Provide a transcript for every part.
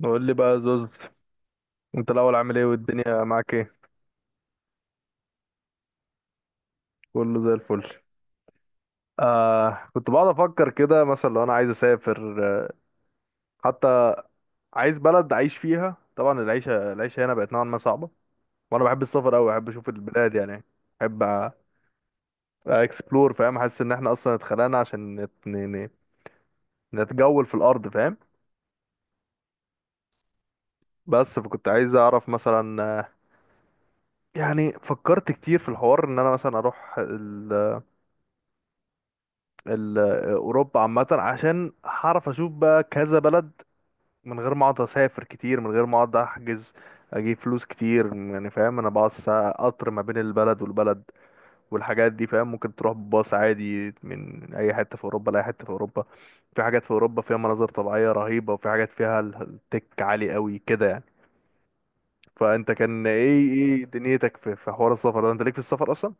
نقول لي بقى يا زوز، انت الاول عامل ايه والدنيا معاك ايه؟ كله زي الفل. كنت بقعد افكر كده مثلا لو انا عايز اسافر، حتى عايز بلد اعيش فيها. طبعا العيشه هنا بقت نوعا ما صعبه، وانا بحب السفر قوي، بحب اشوف البلاد يعني، بحب اكسبلور. فاهم، حاسس ان احنا اصلا اتخلقنا عشان نتجول في الارض، فاهم. بس فكنت عايز اعرف مثلا، يعني فكرت كتير في الحوار ان انا مثلا اروح ال- اوروبا عامه، عشان هعرف اشوف بقى كذا بلد من غير ما اقعد اسافر كتير، من غير ما اقعد احجز اجيب فلوس كتير يعني، فاهم. انا بقعد ساعة قطر ما بين البلد والبلد والحاجات دي فاهم، ممكن تروح بباص عادي من اي حته في اوروبا لاي حته في اوروبا. في حاجات في اوروبا فيها مناظر طبيعيه رهيبه، وفي حاجات فيها التك عالي قوي كده يعني. فانت كان ايه دنيتك في حوار السفر ده، انت ليك في السفر اصلا؟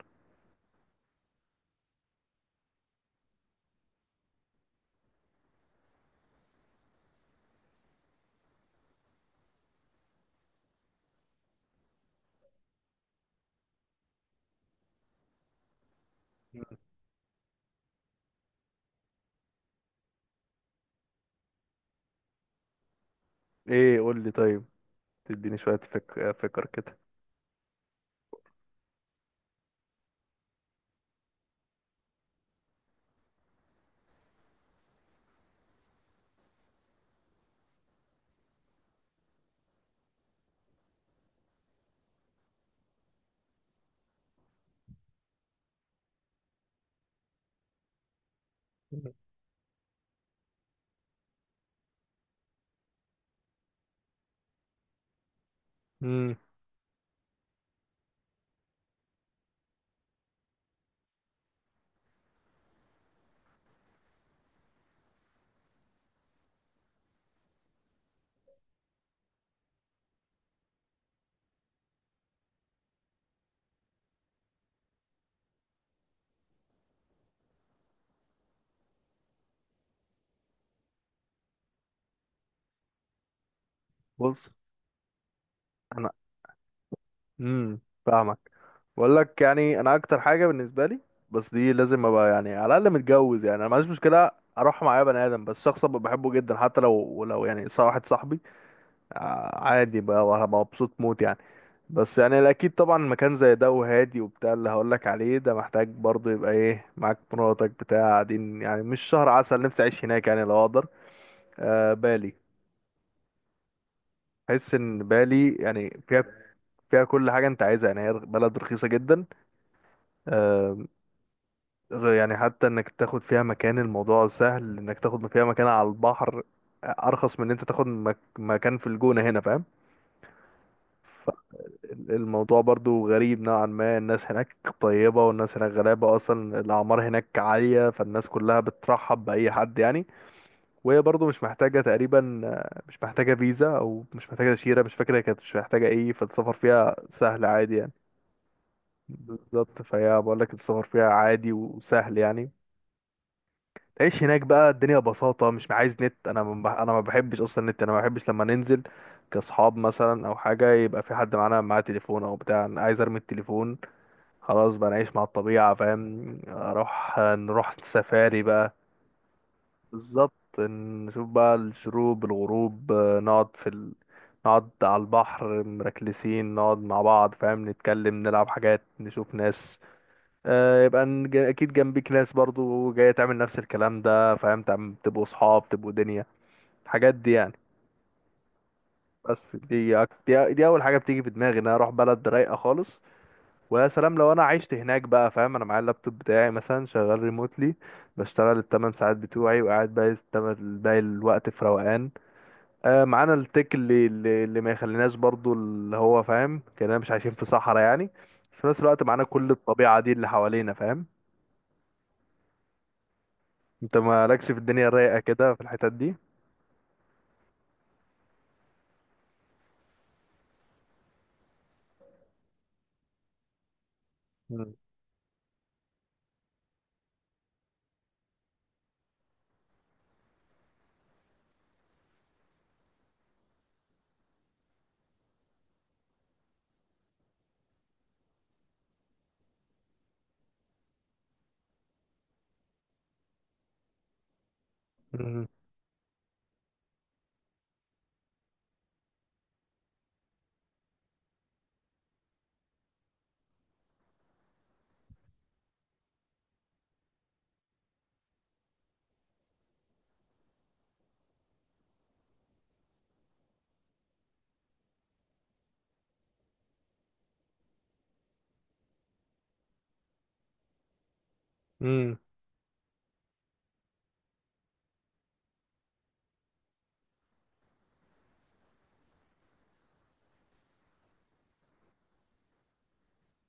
ايه قول لي طيب، تديني شويه فكر كده. امم بص، انا امم فاهمك. بقول لك يعني انا اكتر حاجه بالنسبه لي، بس دي لازم ابقى يعني على الاقل متجوز. يعني انا معيش مشكله اروح معايا بني ادم، بس شخص ابقى بحبه جدا، حتى لو واحد صاحبي عادي بقى، وهبقى مبسوط موت يعني. بس يعني الاكيد طبعا مكان زي ده وهادي وبتاع اللي هقول لك عليه ده، محتاج برضه يبقى ايه، معاك مراتك بتاع، قاعدين يعني مش شهر عسل، نفسي اعيش هناك يعني لو اقدر. بالي، بحس ان بالي يعني فيها كل حاجه انت عايزها. يعني هي بلد رخيصه جدا، آه، يعني حتى انك تاخد فيها مكان، الموضوع سهل انك تاخد فيها مكان على البحر ارخص من ان انت تاخد مكان في الجونة هنا، فاهم. الموضوع برضو غريب نوعا ما، الناس هناك طيبة، والناس هناك غلابة، أصلا الأعمار هناك عالية، فالناس كلها بترحب بأي حد يعني. وهي برضو مش محتاجة تقريبا، مش محتاجة فيزا، أو مش محتاجة تأشيرة، مش فاكرة هي كانت مش محتاجة إيه، فالسفر فيها سهل عادي يعني. بالظبط، فهي بقول لك السفر فيها عادي وسهل يعني. تعيش هناك بقى الدنيا ببساطة، مش عايز نت، انا ما بحبش اصلا النت. انا ما بحبش لما ننزل كاصحاب مثلا او حاجة يبقى في حد معانا معاه تليفون او بتاع، انا عايز ارمي التليفون. خلاص بقى نعيش مع الطبيعة فاهم، نروح سفاري بقى. بالظبط، نشوف بقى الشروق الغروب، نقعد في نقعد على البحر مركلسين، نقعد مع بعض فاهم، نتكلم نلعب حاجات نشوف ناس، يبقى اكيد جنبيك ناس برضو جاية تعمل نفس الكلام ده فاهم، تبقوا صحاب تبقوا دنيا، الحاجات دي يعني. بس دي دي اول حاجة بتيجي في دماغي، ان انا اروح بلد رايقة خالص. ويا سلام لو انا عشت هناك بقى فاهم، انا معايا اللابتوب بتاعي مثلا شغال ريموتلي، بشتغل الثمان ساعات بتوعي وقاعد باقي باقي الوقت في روقان، معانا التك اللي ما يخليناش برضو، اللي هو فاهم كأننا مش عايشين في صحراء يعني، بس في نفس الوقت معانا كل الطبيعة دي اللي حوالينا، فاهم. انت مالكش في الدنيا الرايقة كده في الحتت دي؟ مم. مم. مم.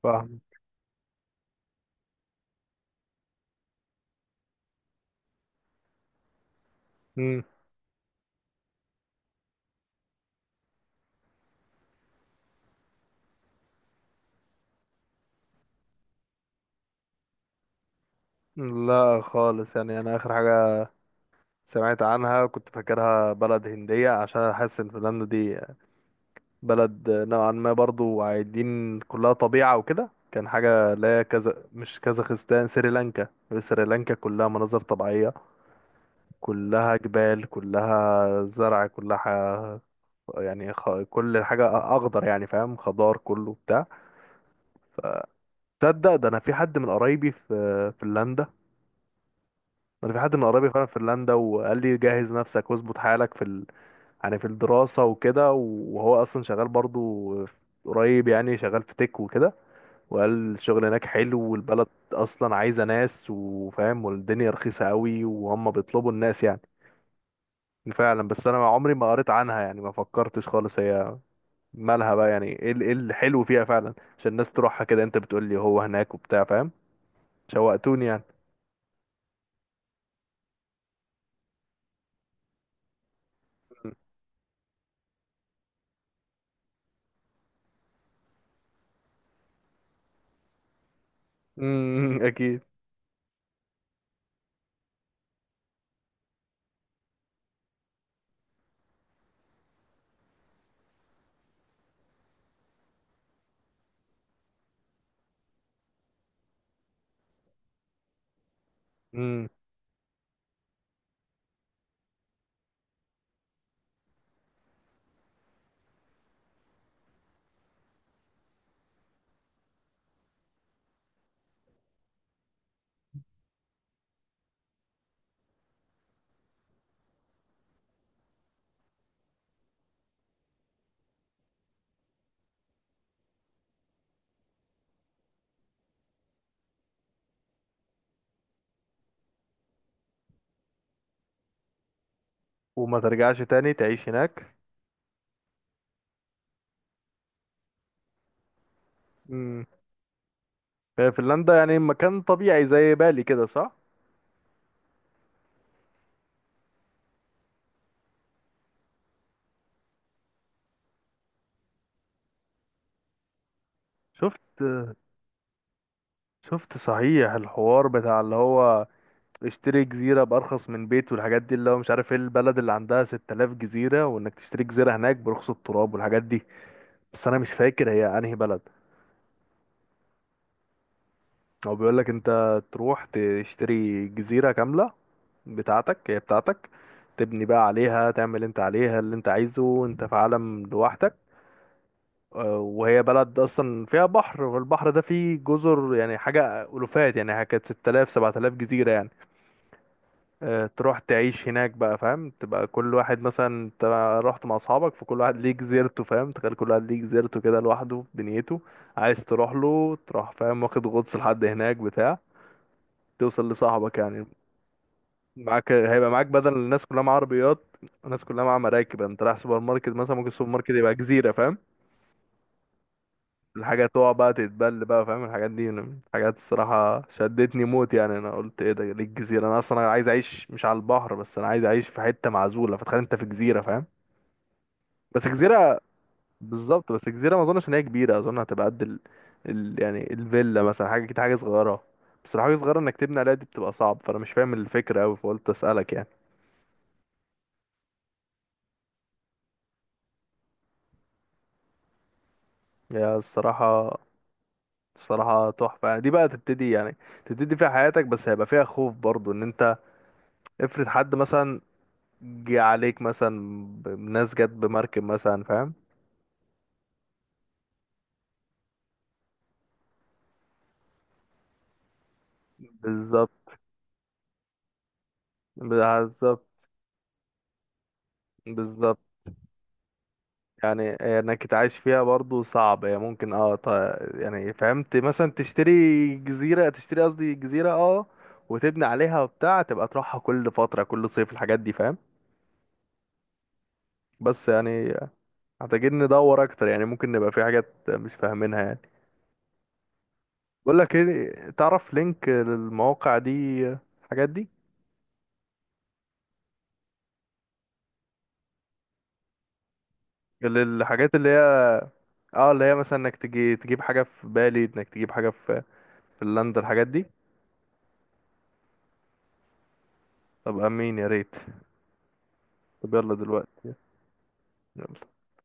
فاهم. مم. لا خالص، يعني انا اخر حاجة سمعت عنها كنت فاكرها بلد هندية، عشان حاسس ان فنلندا دي بلد نوعا ما برضو عايدين كلها طبيعة وكده، كان حاجة لا كذا، مش كازاخستان، سريلانكا. سريلانكا كلها مناظر طبيعية، كلها جبال كلها زرع كلها يعني كل حاجة أخضر يعني، فاهم، خضار كله بتاع. تصدق ده انا في حد من قرايبي في فنلندا، انا في حد من قرايبي فعلا في فنلندا، وقال لي جهز نفسك واظبط حالك في يعني في الدراسة وكده. وهو اصلا شغال برضو قريب يعني، شغال في تك وكده، وقال الشغل هناك حلو والبلد اصلا عايزة ناس وفاهم، والدنيا رخيصة قوي، وهم بيطلبوا الناس يعني فعلا. بس انا عمري ما قريت عنها يعني، ما فكرتش خالص. هي مالها بقى يعني، ايه إيه الحلو فيها فعلا عشان الناس تروحها كده؟ انت بتقول لي هو هناك وبتاع، فاهم، شوقتوني يعني. اكيد. امم وما ترجعش تاني تعيش هناك؟ امم هي فنلندا يعني مكان طبيعي زي بالي كده، صح؟ شفت شفت صحيح الحوار بتاع اللي هو اشتري جزيرة بأرخص من بيت والحاجات دي، اللي هو مش عارف ايه البلد اللي عندها 6000 جزيرة، وانك تشتري جزيرة هناك برخص التراب والحاجات دي، بس انا مش فاكر هي انهي بلد. هو بيقول لك انت تروح تشتري جزيرة كاملة بتاعتك، هي بتاعتك، تبني بقى عليها، تعمل انت عليها اللي انت عايزه، انت في عالم لوحدك. وهي بلد اصلا فيها بحر، والبحر ده فيه جزر، يعني حاجه الوفات يعني، كانت 6000 7000 جزيره يعني. تروح تعيش هناك بقى فاهم، تبقى كل واحد، مثلا انت رحت مع اصحابك فكل واحد ليه جزيرته، فاهم، تخيل كل واحد ليه جزيرته كده لوحده في دنيته، عايز تروح له تروح، فاهم، واخد غطس لحد هناك بتاع، توصل لصاحبك يعني. معاك، هيبقى معاك بدل الناس كلها مع عربيات، الناس كلها مع مراكب يعني. انت رايح سوبر ماركت مثلا، ممكن السوبر ماركت يبقى جزيره، الحاجة تقع بقى تتبل بقى، فاهم. الحاجات دي من الحاجات الصراحة شدتني موت يعني. أنا قلت إيه ده، ليه الجزيرة؟ أنا أصلا عايز أعيش مش على البحر بس، أنا عايز أعيش في حتة معزولة، فتخيل أنت في جزيرة، فاهم. بس جزيرة، بالظبط، بس جزيرة ما أظنش إن هي كبيرة، أظن هتبقى قد يعني الفيلا مثلا، حاجة كده حاجة صغيرة. بس لو حاجة صغيرة إنك تبني عليها، دي بتبقى صعب، فأنا مش فاهم الفكرة أوي فقلت أسألك يعني. يا الصراحة الصراحة تحفة يعني، دي بقى تبتدي يعني تبتدي فيها حياتك، بس هيبقى فيها خوف برضو، إن أنت افرض حد مثلا جه عليك مثلا، ناس جت بمركب مثلا فاهم. بالظبط، بالظبط، بالظبط، يعني انك تعيش فيها برضو صعب. هي ممكن يعني فهمت، مثلا تشتري جزيرة، تشتري قصدي جزيرة، وتبني عليها وبتاع، تبقى تروحها كل فترة كل صيف الحاجات دي، فاهم. بس يعني محتاجين ندور اكتر يعني، ممكن نبقى في حاجات مش فاهمينها يعني. بقول لك ايه، تعرف لينك للمواقع دي، الحاجات دي، للحاجات اللي هي اه اللي هي مثلا انك تجي تجيب حاجة في بالي، انك تجيب حاجة في فنلندا الحاجات دي؟ طب امين يا ريت. طب يلا دلوقتي. يلا.